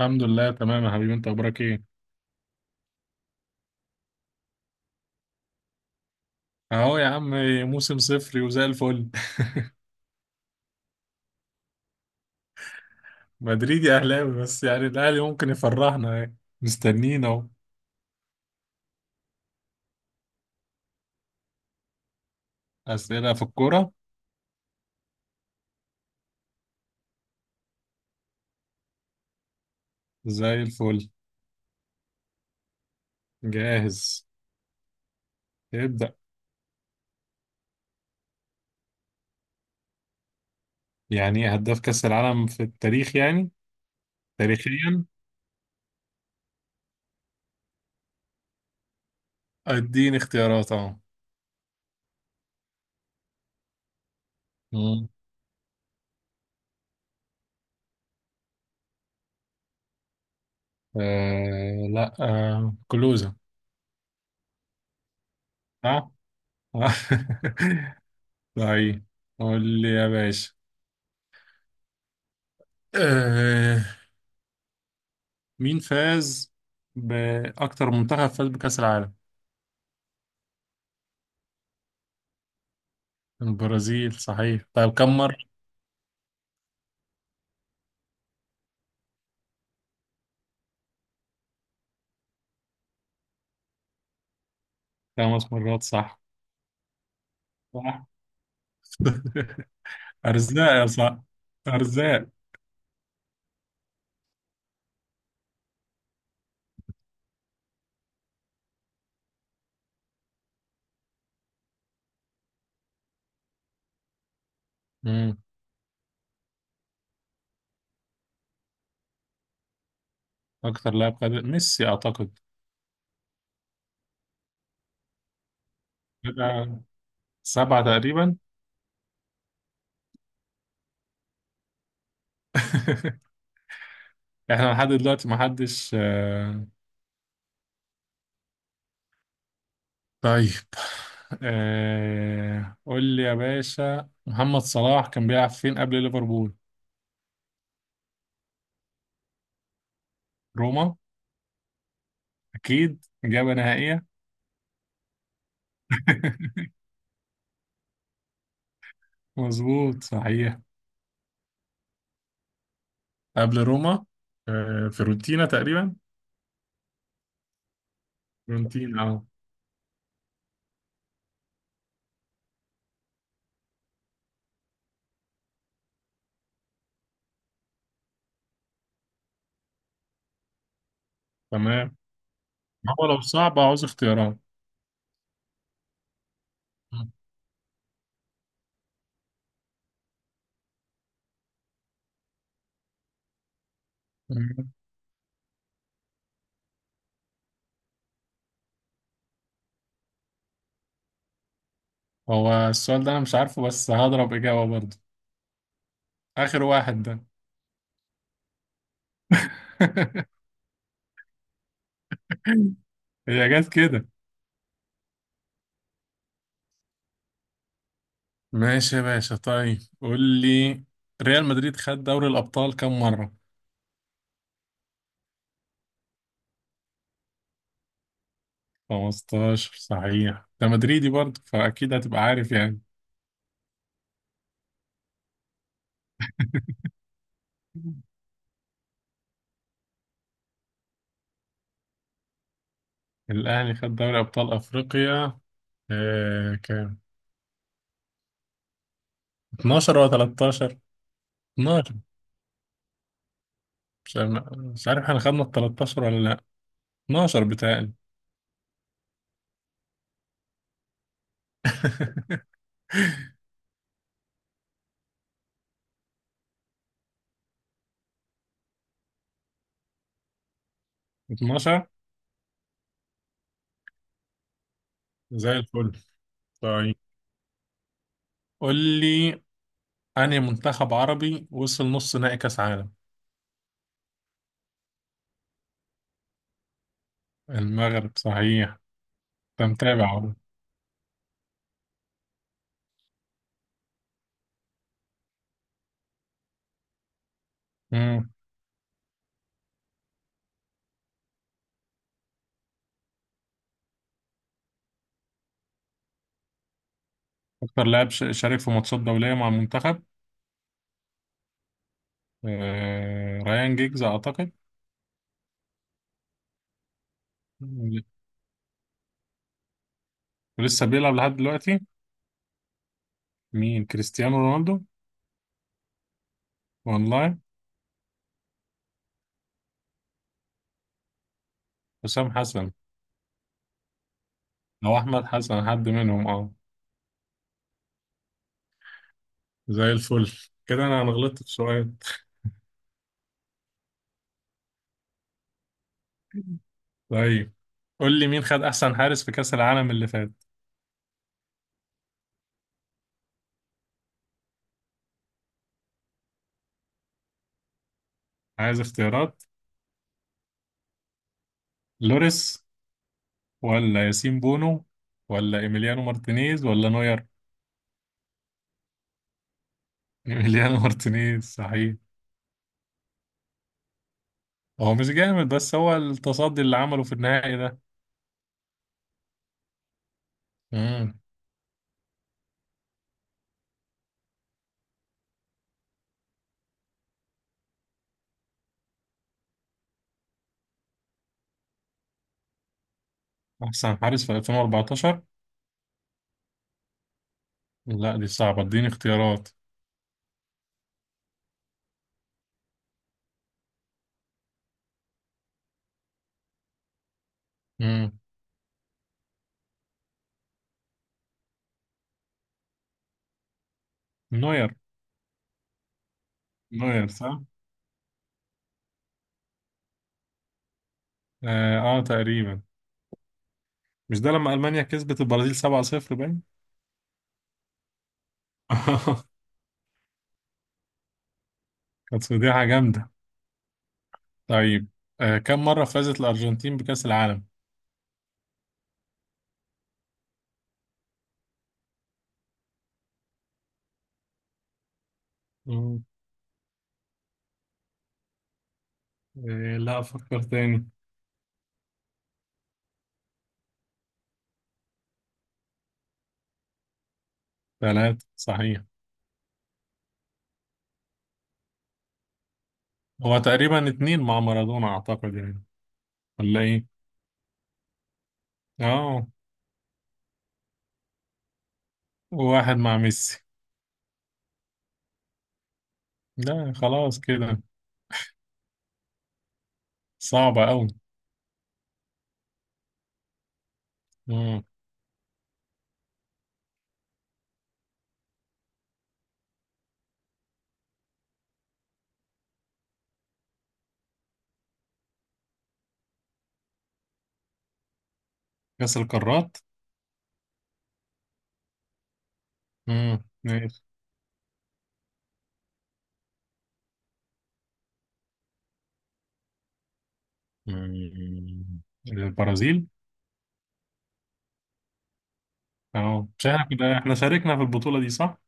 الحمد لله تمام يا حبيبي، انت اخبارك ايه؟ اهو يا عم. موسم صفري وزي الفل. مدريدي اهلاوي بس يعني الاهلي ممكن يفرحنا يعني. مستنيين اهو. اسئله في الكوره. زي الفل. جاهز. ابدا. يعني ايه هداف كاس العالم في التاريخ يعني؟ تاريخيا. اديني اختيارات اهو. مم. آه لا، آه كلوزة. صح؟ طيب قول لي يا باشا، مين فاز بأكتر منتخب فاز بكأس العالم؟ البرازيل صحيح. طيب كم مرة؟ خمس مرات صح. صح. أرزاق يا صح، أرزاق. مم. أكتر لاعب خد ميسي أعتقد. كده سبعة تقريبا. إحنا لحد دلوقتي محدش طيب. قول لي يا باشا، محمد صلاح كان بيلعب فين قبل ليفربول؟ روما. أكيد إجابة نهائية. مظبوط صحيح. قبل روما، فيورنتينا تقريبا. فيورنتينا اه. تمام. هو لو صعب عاوز اختيارات. مم. هو السؤال ده انا مش عارفه، بس هضرب اجابه برضه. اخر واحد ده. هي جت كده. ماشي يا باشا، طيب قول لي، ريال مدريد خد دوري الابطال كم مره؟ 15 صحيح، ده مدريدي برضه فاكيد هتبقى عارف يعني. الاهلي خد دوري ابطال افريقيا، آه كام؟ 12 ولا 13؟ مش عارف احنا خدنا ال 13 ولا لا. 12 بتهيألي. 12. زي الفل. طيب قول لي، أنهي منتخب عربي وصل نص نهائي كأس عالم؟ المغرب صحيح. أنت متابع أهو. مم. أكتر لاعب شارك في ماتشات دولية مع المنتخب. آه... ريان جيجز أعتقد. ولسه بيلعب لحد دلوقتي. مين؟ كريستيانو رونالدو. والله. حسام حسن أو أحمد حسن، حد منهم أه. زي الفل. كده أنا غلطت في سؤال. طيب قول لي، مين خد احسن حارس في كأس العالم اللي فات؟ عايز اختيارات. لوريس ولا ياسين بونو ولا ايميليانو مارتينيز ولا نوير؟ ايميليانو مارتينيز صحيح. هو مش جامد، بس هو التصدي اللي عمله في النهائي ده. امم. احسن حارس في 2014؟ لا دي صعبة، اديني اختيارات. امم. نوير. نوير صح. اه، آه تقريبا. مش ده لما المانيا كسبت البرازيل 7-0 باين؟ كانت فضيحة جامدة. طيب، آه كم مرة فازت الارجنتين بكأس العالم؟ مم. إيه، لا أفكر تاني. ثلاثة صحيح. هو تقريبا اتنين مع مارادونا أعتقد يعني. ولا إيه؟ آه. وواحد مع ميسي. لا خلاص كده. صعبة أوي. مم. كأس القارات. ماشي. مم. البرازيل. آه مش إحنا كده، إحنا شاركنا في البطولة دي صح؟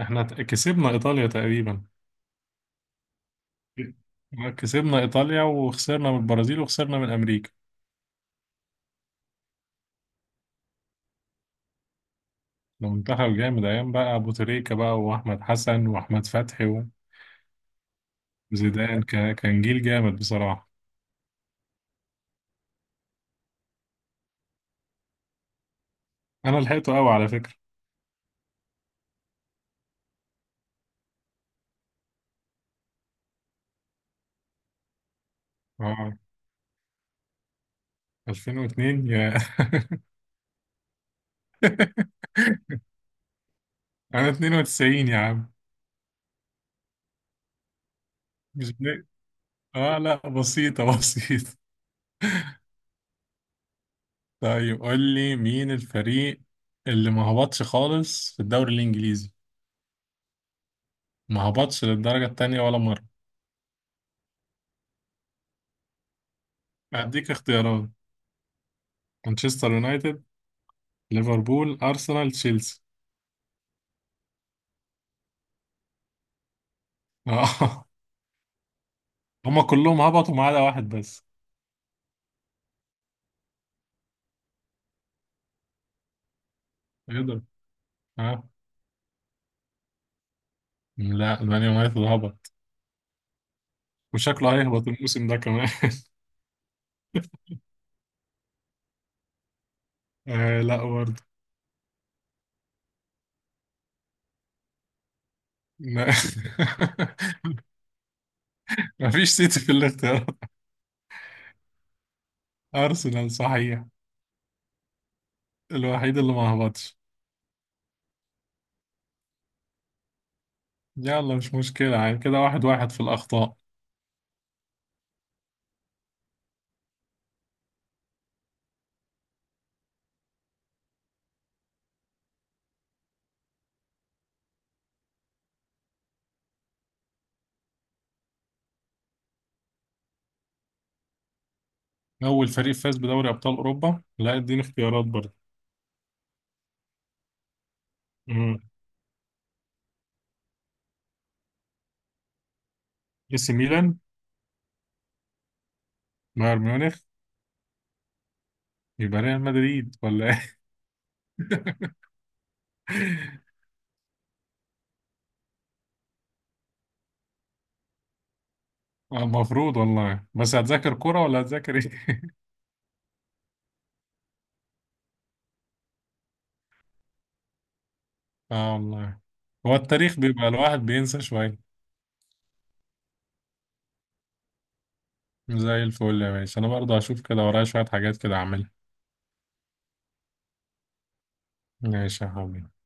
إحنا كسبنا إيطاليا تقريبا. كسبنا إيطاليا وخسرنا من البرازيل وخسرنا من أمريكا. المنتخب جامد أيام بقى أبو تريكة بقى وأحمد حسن وأحمد فتحي. زيدان كان جيل جامد بصراحة. أنا لحقته قوي على فكرة. اه 2002 يا أنا 92 يا عم. مش بن... اه لا بسيطة بسيطة. طيب قول لي، مين الفريق اللي ما هبطش خالص في الدوري الإنجليزي، ما هبطش للدرجة التانية ولا مرة؟ أديك اختيارات. مانشستر يونايتد، ليفربول، أرسنال، تشيلسي. اه. هما كلهم هبطوا ما عدا واحد بس. يقدر. اه لا، مان يونايتد هبط، وشكله هيهبط الموسم ده كمان. آه لا برضه. ما- مفيش سيتي في الاختيارات. أرسنال صحيح، الوحيد اللي ما هبطش. يلا مش مشكلة يعني، كده واحد واحد في الأخطاء. أول فريق فاز بدوري أبطال أوروبا؟ لا اديني اختيارات برضه. مم. اي سي ميلان. بايرن ميونخ. يبقى ريال مدريد ولا ايه؟ المفروض والله، بس هتذاكر كرة ولا هتذاكر ايه؟ اه والله. هو التاريخ بيبقى الواحد بينسى شوية. زي الفل يا باشا، انا برضه هشوف كده ورايا شوية حاجات كده اعملها. ماشي يا حبيبي.